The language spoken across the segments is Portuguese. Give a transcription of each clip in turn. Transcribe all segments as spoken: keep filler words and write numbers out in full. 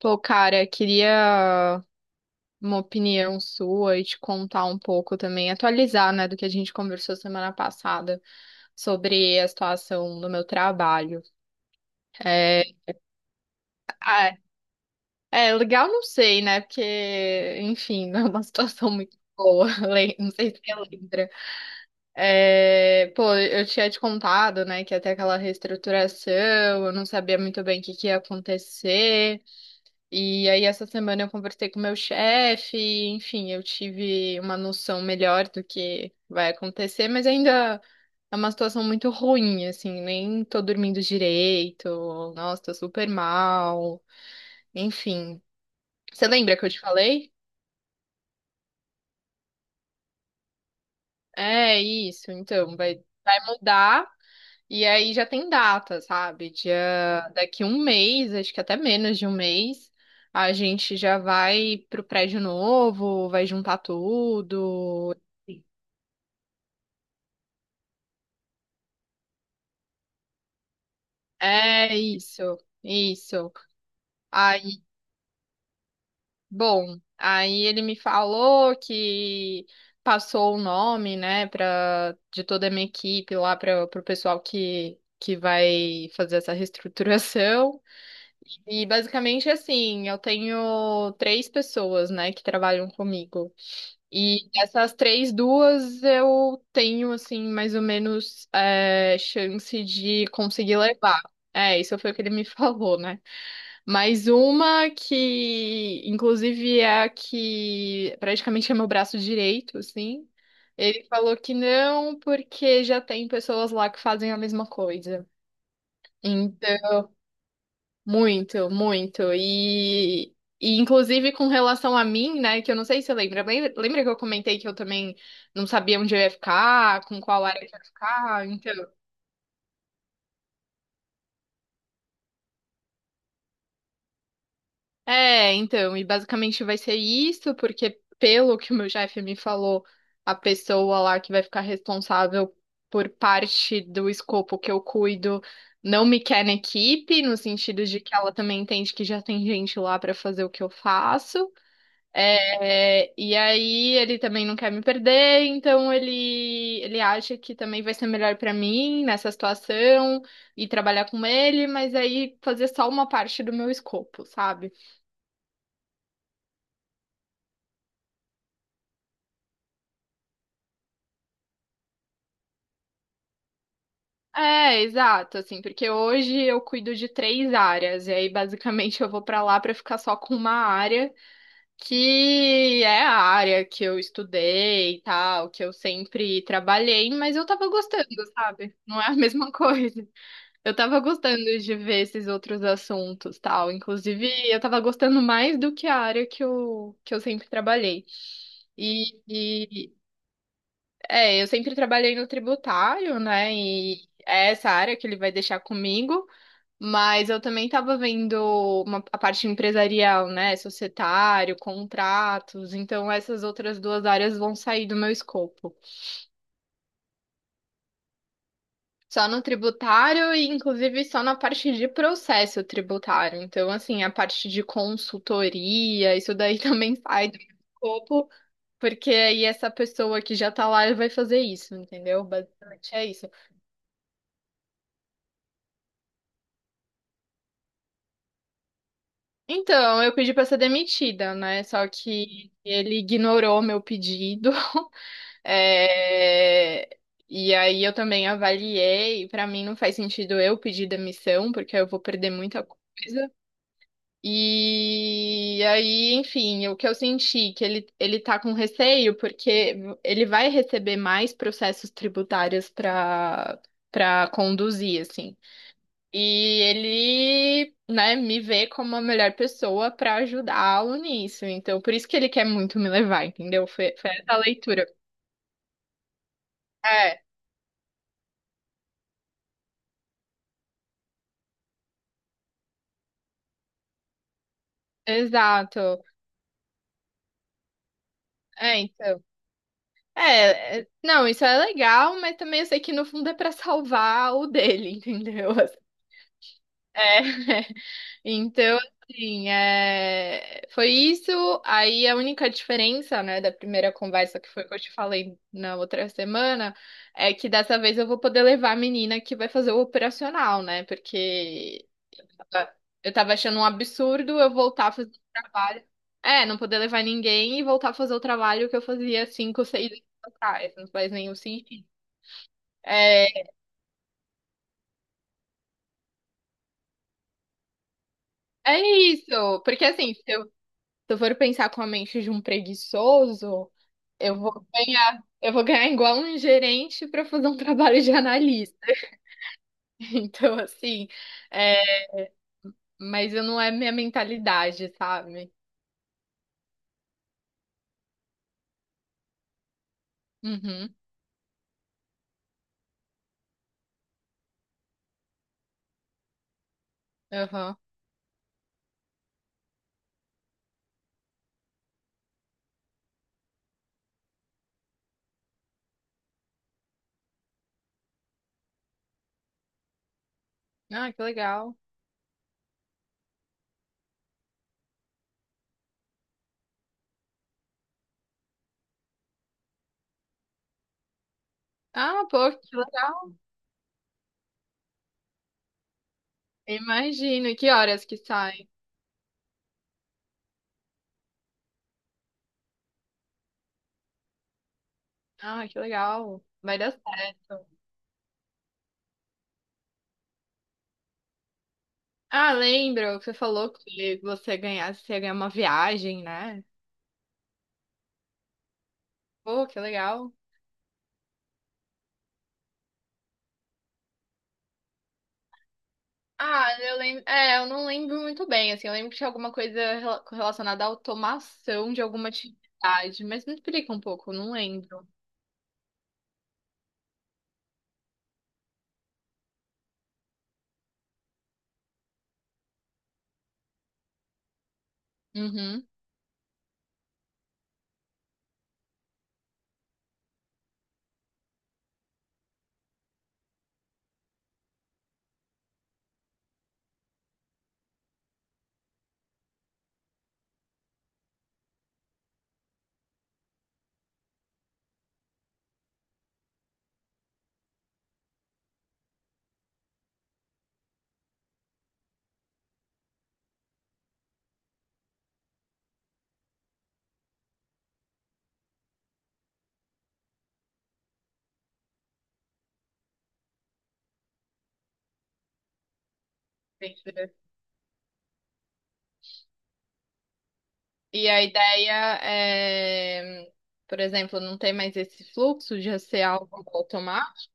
Pô, cara, queria uma opinião sua e te contar um pouco também, atualizar, né, do que a gente conversou semana passada sobre a situação do meu trabalho. É, ah, é é legal, não sei, né, porque, enfim, não é uma situação muito boa, le- não sei se você lembra. É, pô, eu tinha te contado, né, que até aquela reestruturação, eu não sabia muito bem o que que ia acontecer. E aí, essa semana eu conversei com meu chefe, enfim, eu tive uma noção melhor do que vai acontecer, mas ainda é uma situação muito ruim, assim, nem tô dormindo direito, nossa, tô super mal, enfim. Você lembra que eu te falei? É isso, então, vai, vai mudar. E aí já tem data, sabe? Dia, daqui um mês, acho que até menos de um mês, a gente já vai pro prédio novo, vai juntar tudo. É isso, isso. Aí, bom, aí ele me falou que passou o nome, né, pra, de toda a minha equipe lá para o pessoal que, que vai fazer essa reestruturação. E basicamente assim, eu tenho três pessoas, né, que trabalham comigo. E dessas três, duas eu tenho, assim, mais ou menos é, chance de conseguir levar. É, isso foi o que ele me falou, né? Mas uma que, inclusive, é a que praticamente é meu braço direito, assim. Ele falou que não, porque já tem pessoas lá que fazem a mesma coisa. Então muito, muito. E, e inclusive com relação a mim, né, que eu não sei se você lembra, lembra lembra que eu comentei que eu também não sabia onde eu ia ficar, com qual área que eu ia ficar? Então, é, então, e basicamente vai ser isso, porque pelo que o meu chefe me falou, a pessoa lá que vai ficar responsável por parte do escopo que eu cuido não me quer na equipe, no sentido de que ela também entende que já tem gente lá para fazer o que eu faço. É, e aí ele também não quer me perder, então ele ele acha que também vai ser melhor pra mim nessa situação e trabalhar com ele, mas aí fazer só uma parte do meu escopo, sabe? É, exato, assim, porque hoje eu cuido de três áreas, e aí basicamente eu vou pra lá pra ficar só com uma área, que é a área que eu estudei e tal, que eu sempre trabalhei, mas eu tava gostando, sabe? Não é a mesma coisa. Eu tava gostando de ver esses outros assuntos, tal. Inclusive, eu tava gostando mais do que a área que eu, que eu sempre trabalhei. E, e, é, eu sempre trabalhei no tributário, né? E é essa área que ele vai deixar comigo. Mas eu também tava vendo uma- a parte empresarial, né? Societário, contratos. Então, essas outras duas áreas vão sair do meu escopo. Só no tributário e, inclusive, só na parte de processo tributário. Então, assim, a parte de consultoria, isso daí também sai do meu escopo, porque aí essa pessoa que já tá lá vai fazer isso, entendeu? Basicamente é isso. Então, eu pedi pra ser demitida, né? Só que ele ignorou meu pedido. É, e aí eu também avaliei, pra mim não faz sentido eu pedir demissão, porque eu vou perder muita coisa. E aí, enfim, o que eu senti, que ele, ele tá com receio, porque ele vai receber mais processos tributários para para conduzir, assim. E ele, né, me vê como a melhor pessoa para ajudá-lo nisso. Então, por isso que ele quer muito me levar, entendeu? Foi, foi essa a leitura. É, exato. É, então. É, é, não, isso é legal, mas também eu sei que no fundo é para salvar o dele, entendeu? É. Então, assim, é... foi isso. Aí a única diferença, né, da primeira conversa que foi que eu te falei na outra semana, é que dessa vez eu vou poder levar a menina que vai fazer o operacional, né? Porque eu tava achando um absurdo eu voltar a fazer o trabalho. É, não poder levar ninguém e voltar a fazer o trabalho que eu fazia cinco, seis anos atrás. Não faz nenhum sentido. É, é isso, porque assim, se eu, se eu for pensar com a mente de um preguiçoso. Eu vou ganhar, eu vou ganhar igual um gerente para fazer um trabalho de analista. Então, assim, é, mas eu não é minha mentalidade, sabe? Uhum, aham. Ah, que legal. Ah, pô, que legal. Imagino. E que horas que sai? Ah, que legal. Vai dar certo. Ah, lembro que você falou que você ganhasse, você ia ganhar uma viagem, né? Pô, que legal. Ah, eu lembro. É, eu não lembro muito bem, assim. Eu lembro que tinha alguma coisa rela- relacionada à automação de alguma atividade, mas me explica um pouco, eu não lembro. Uhum. Entendi. E a ideia é, por exemplo, não ter mais esse fluxo de ser algo automático.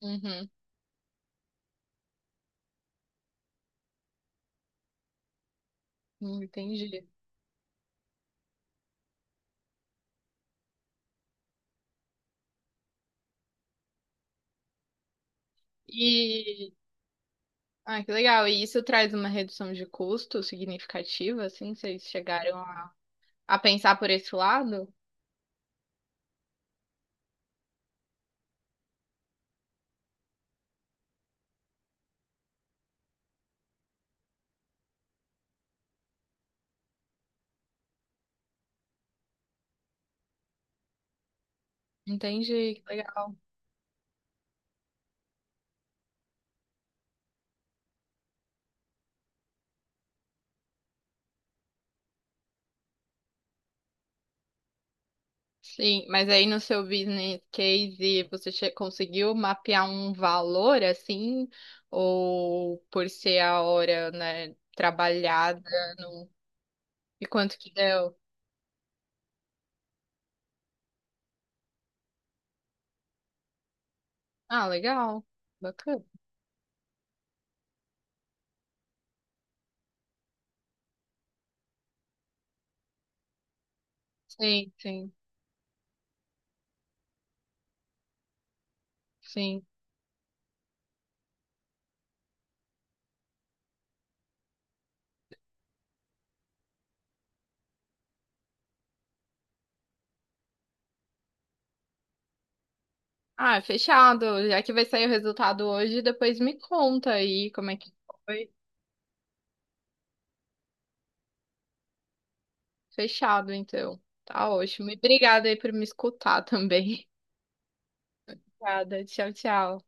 Uhum. Hum, entendi. E. Ah, que legal. E isso traz uma redução de custo significativa, assim? Vocês chegaram a a pensar por esse lado? Entendi, que legal. Sim, mas aí no seu business case você che- conseguiu mapear um valor assim, ou por ser a hora, né, trabalhada no... e quanto que deu? Ah, legal, bacana. Sim, sim, sim. Ah, fechado. Já que vai sair o resultado hoje, depois me conta aí como é que foi. Fechado, então. Tá ótimo. E obrigada aí por me escutar também. Obrigada. Tchau, tchau.